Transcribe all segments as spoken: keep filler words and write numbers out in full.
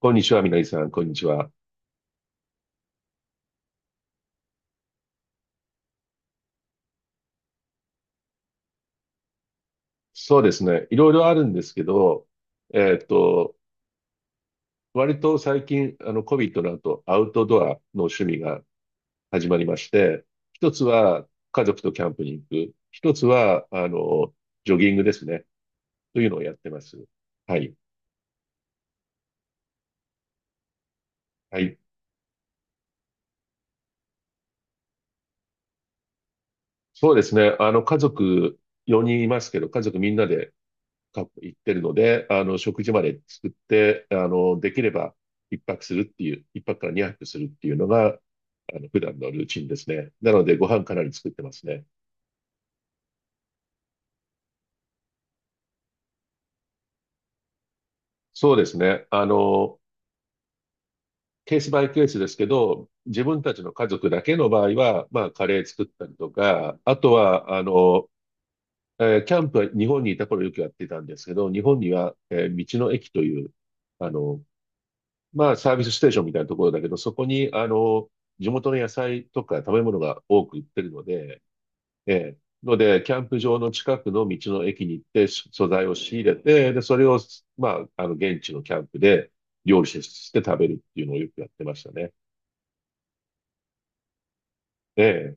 こんにちは、みのりさん、こんにちは。そうですね。いろいろあるんですけど、えっと、割と最近、あの、COVID の後、アウトドアの趣味が始まりまして、一つは家族とキャンプに行く。一つは、あの、ジョギングですね。というのをやってます。はい。はい。そうですね。あの、家族よにんいますけど、家族みんなでか行ってるので、あの、食事まで作って、あの、できれば一泊するっていう、一泊からにはくするっていうのが、あの、普段のルーチンですね。なので、ご飯かなり作ってますね。そうですね。あの、ケースバイケースですけど、自分たちの家族だけの場合は、まあ、カレー作ったりとか、あとは、あの、えーキャンプは日本にいた頃よくやってたんですけど、日本には、えー道の駅という、あの、まあ、サービスステーションみたいなところだけど、そこに、あの、地元の野菜とか食べ物が多く売ってるので、ええ。ので、キャンプ場の近くの道の駅に行って、し素材を仕入れて、で、それを、まあ、あの、現地のキャンプで料理してして食べるっていうのをよくやってましたね。ええ。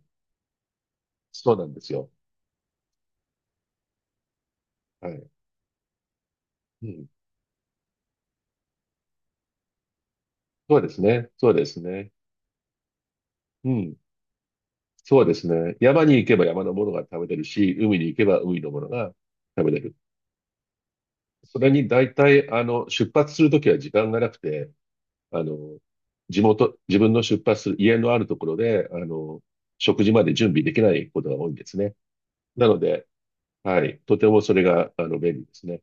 そうなんですよ。はい。うん。そうですね。そうですね。うん。そうですね。山に行けば山のものが食べれるし、海に行けば海のものが食べれる。それに大体、あの、出発するときは時間がなくて、あの、地元、自分の出発する家のあるところで、あの、食事まで準備できないことが多いんですね。なので、はい、とてもそれが、あの、便利ですね。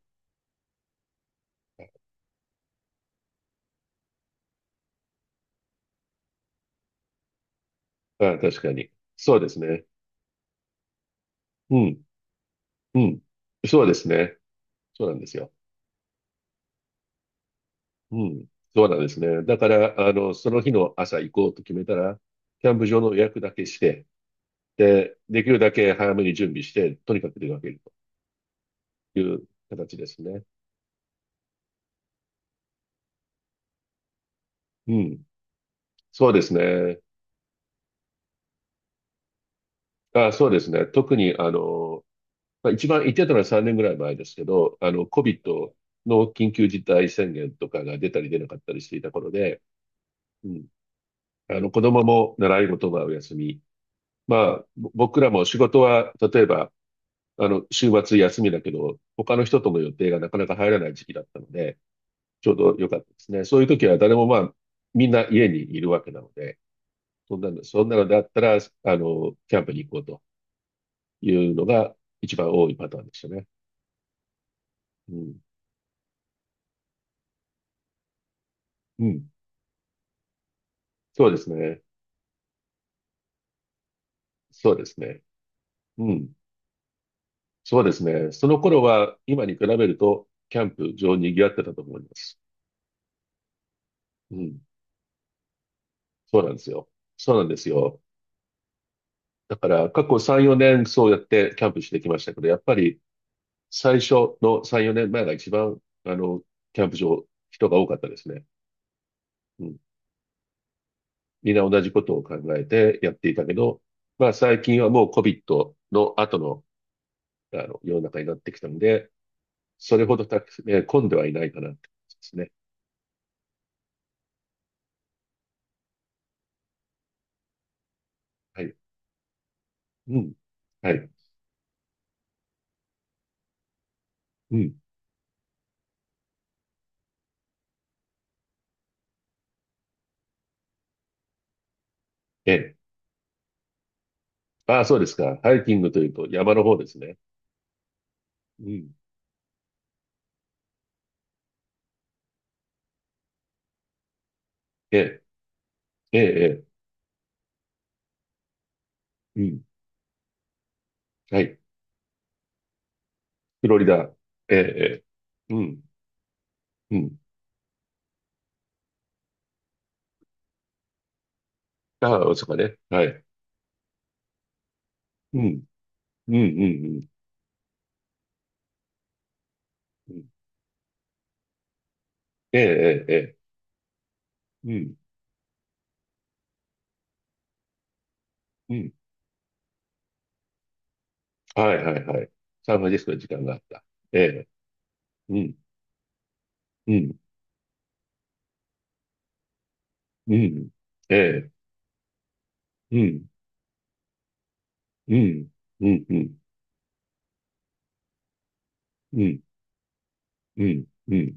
ああ、確かに。そうですね。うん、うん。そうですね。そうなんですよ。うん、そうなんですね。だから、あの、その日の朝行こうと決めたら、キャンプ場の予約だけして、で、できるだけ早めに準備して、とにかく出かけるという形ですね。うん。そうですね。あ、そうですね。特に、あの、まあ、一番言ってたのはさんねんぐらい前ですけど、あの、COVID の緊急事態宣言とかが出たり出なかったりしていた頃で、うん。あの、子供も習い事はお休み。まあ、ぼ僕らも仕事は、例えば、あの、週末休みだけど、他の人との予定がなかなか入らない時期だったので、ちょうど良かったですね。そういう時は誰もまあ、みんな家にいるわけなので、そんなの、そんなのだったら、あの、キャンプに行こうと。いうのが一番多いパターンでしたね。うん。うん。そうですね。そうですね。うん。そうですね。その頃は今に比べると、キャンプ場賑わってたと思います。うん。そうなんですよ。そうなんですよ。だから過去さん、よねんそうやってキャンプしてきましたけど、やっぱり最初のさん、よねんまえが一番、あの、キャンプ場、人が多かったですね。うん。みんな同じことを考えてやっていたけど、まあ最近はもう COVID の後の、あの世の中になってきたので、それほどたく、えー混んではいないかなって感じですね。はい。うん。はい。うん。ええ。ああ、そうですか。ハイキングというと山の方ですね。うん。ええ。ええ。ええうん。はい。フロリダ。ええ。ええうん。うん。ああ、そうかね。はい。うん。うん。うん。うん。ええ。ええ。ええうん。うん。はい。はい。はい。サンフランシスコに時間があった。ええ。うん。うん。うん。ええ。うん。うん。うん。うん。うん。うん。うん。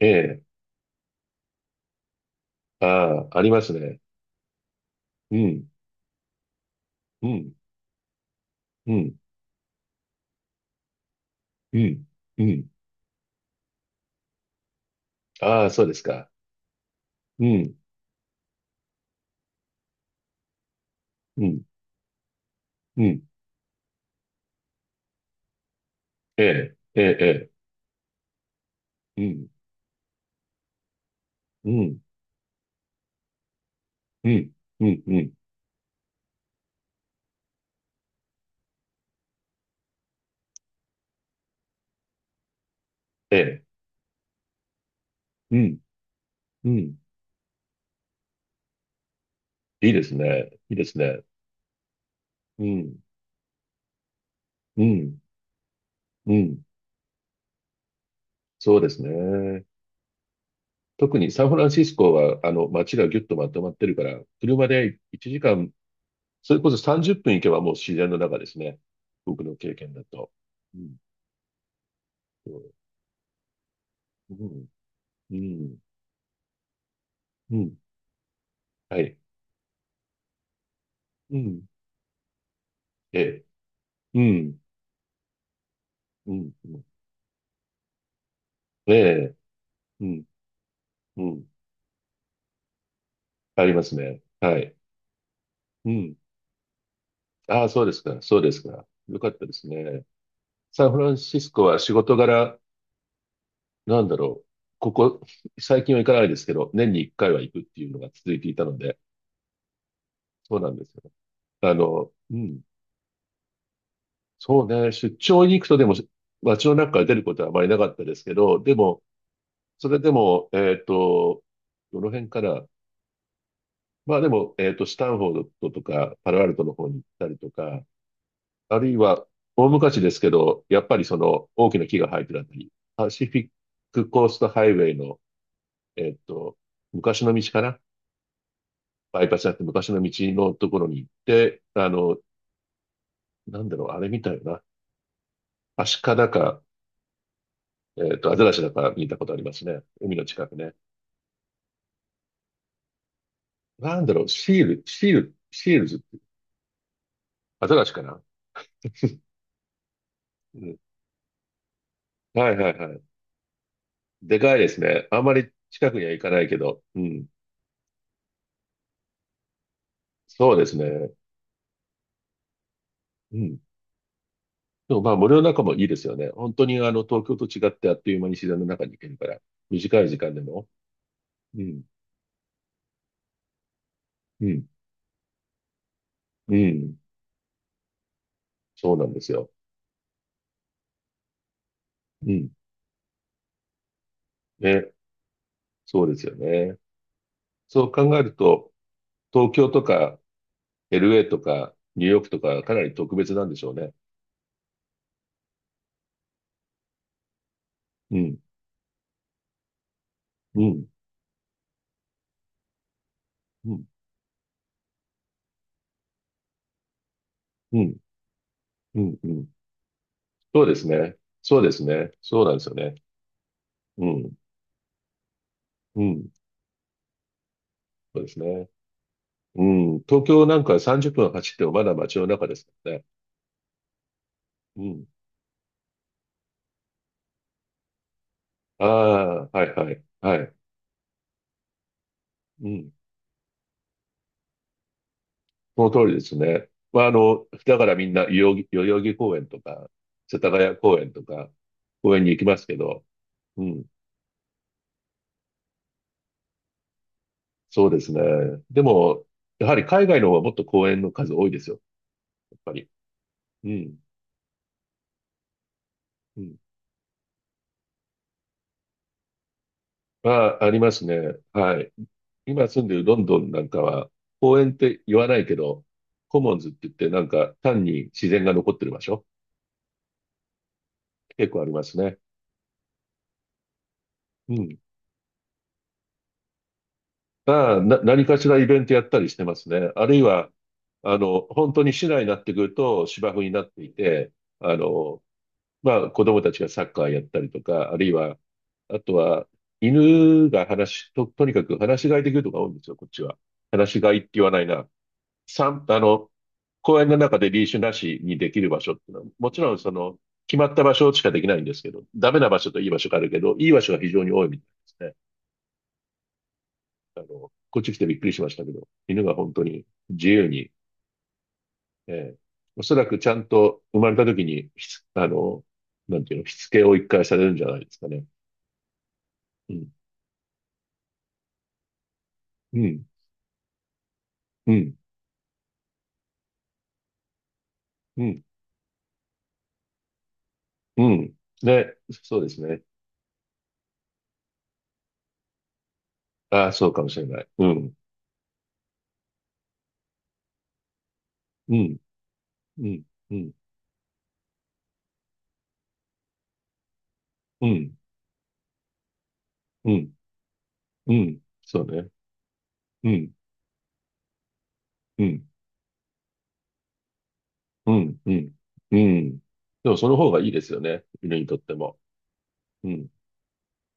ええ。ああ、ありますね。うん、うん、うん、うん、うん。ああ、そうですか。うん、うん、うん。ええ、ええ、ええ。うん、うん、うん、うん、うん。ええ、うん、うん。いいですね。いいですね。うん、うん、うん。そうですね。特にサンフランシスコは、あの、街がぎゅっとまとまってるから、車でいちじかん、それこそさんじゅっぷん行けばもう自然の中ですね。僕の経験だと。うん、そううん、うん、うん。はい。うん。ええ。うん。うん。うんええ。うん。うん。ありますね。はい。うん。ああ、そうですか。そうですか。よかったですね。サンフランシスコは仕事柄、なんだろう。ここ、最近は行かないですけど、年にいっかいは行くっていうのが続いていたので、そうなんですよ。あの、うん。そうね。出張に行くとでも、街の中から出ることはあまりなかったですけど、でも、それでも、えっと、どの辺からまあでも、えっと、スタンフォードとか、パロアルトの方に行ったりとか、あるいは、大昔ですけど、やっぱりその大きな木が生えてるあたり、パシフィックコーストハイウェイの、えっと、昔の道かなバイパスだって昔の道のところに行って、あの、なんだろう、あれ見たよな。アシカだか、えっと、アザラシだか見たことありますね。海の近くね。なんだろう、シール、シール、シールズって、アザラシかなうん。はいはいはい。でかいですね。あんまり近くには行かないけど、うん。そうですね。うん。でもまあ森の中もいいですよね。本当にあの東京と違ってあっという間に自然の中に行けるから、短い時間でも。うん、うん、うん。そうなんですよ。うん。ね、そうですよね。そう考えると、東京とか エルエー とかニューヨークとかかなり特別なんでしょうね。うん、うん、うん、うん、うん、うん。そうですね。そうですね。そうなんですよね。うん、うん。そうですね。うん。東京なんかさんじゅっぷん走ってもまだ街の中ですからね。うん。ああ、はいはい、はい。うん。その通りですね。まあ、あの、だからみんな、代々木、代々木公園とか、世田谷公園とか、公園に行きますけど、うん。そうですね。でも、やはり海外の方はもっと公園の数多いですよ、やっぱり。うん。うん。まあ、ありますね。はい。今住んでるロンドンなんかは、公園って言わないけど、コモンズって言って、なんか単に自然が残ってる場所、結構ありますね。うん。ああ、な、何かしらイベントやったりしてますね。あるいは、あの、本当に市内になってくると芝生になっていて、あの、まあ、子供たちがサッカーやったりとか、あるいは、あとは、犬が話、と、とにかく話し飼いできるとか多いんですよ、こっちは。話し飼いって言わないな。散あの、公園の中でリーシュなしにできる場所っていうのは、もちろんその、決まった場所しかできないんですけど、ダメな場所といい場所があるけど、いい場所が非常に多いみたいですね。あの、こっち来てびっくりしましたけど、犬が本当に自由に、えーおそらくちゃんと生まれた時に、ひつあの、なんていうの、しつけをいっかいされるんじゃないですかね。うん、うん、うん、うん、うん。ね、そうですね。ああ、そうかもしれない。うん、うん、うん、うん、うん、うん、うん、そうね。うん、うん、うん、うん、うん。でもその方がいいですよね。犬にとっても。うん。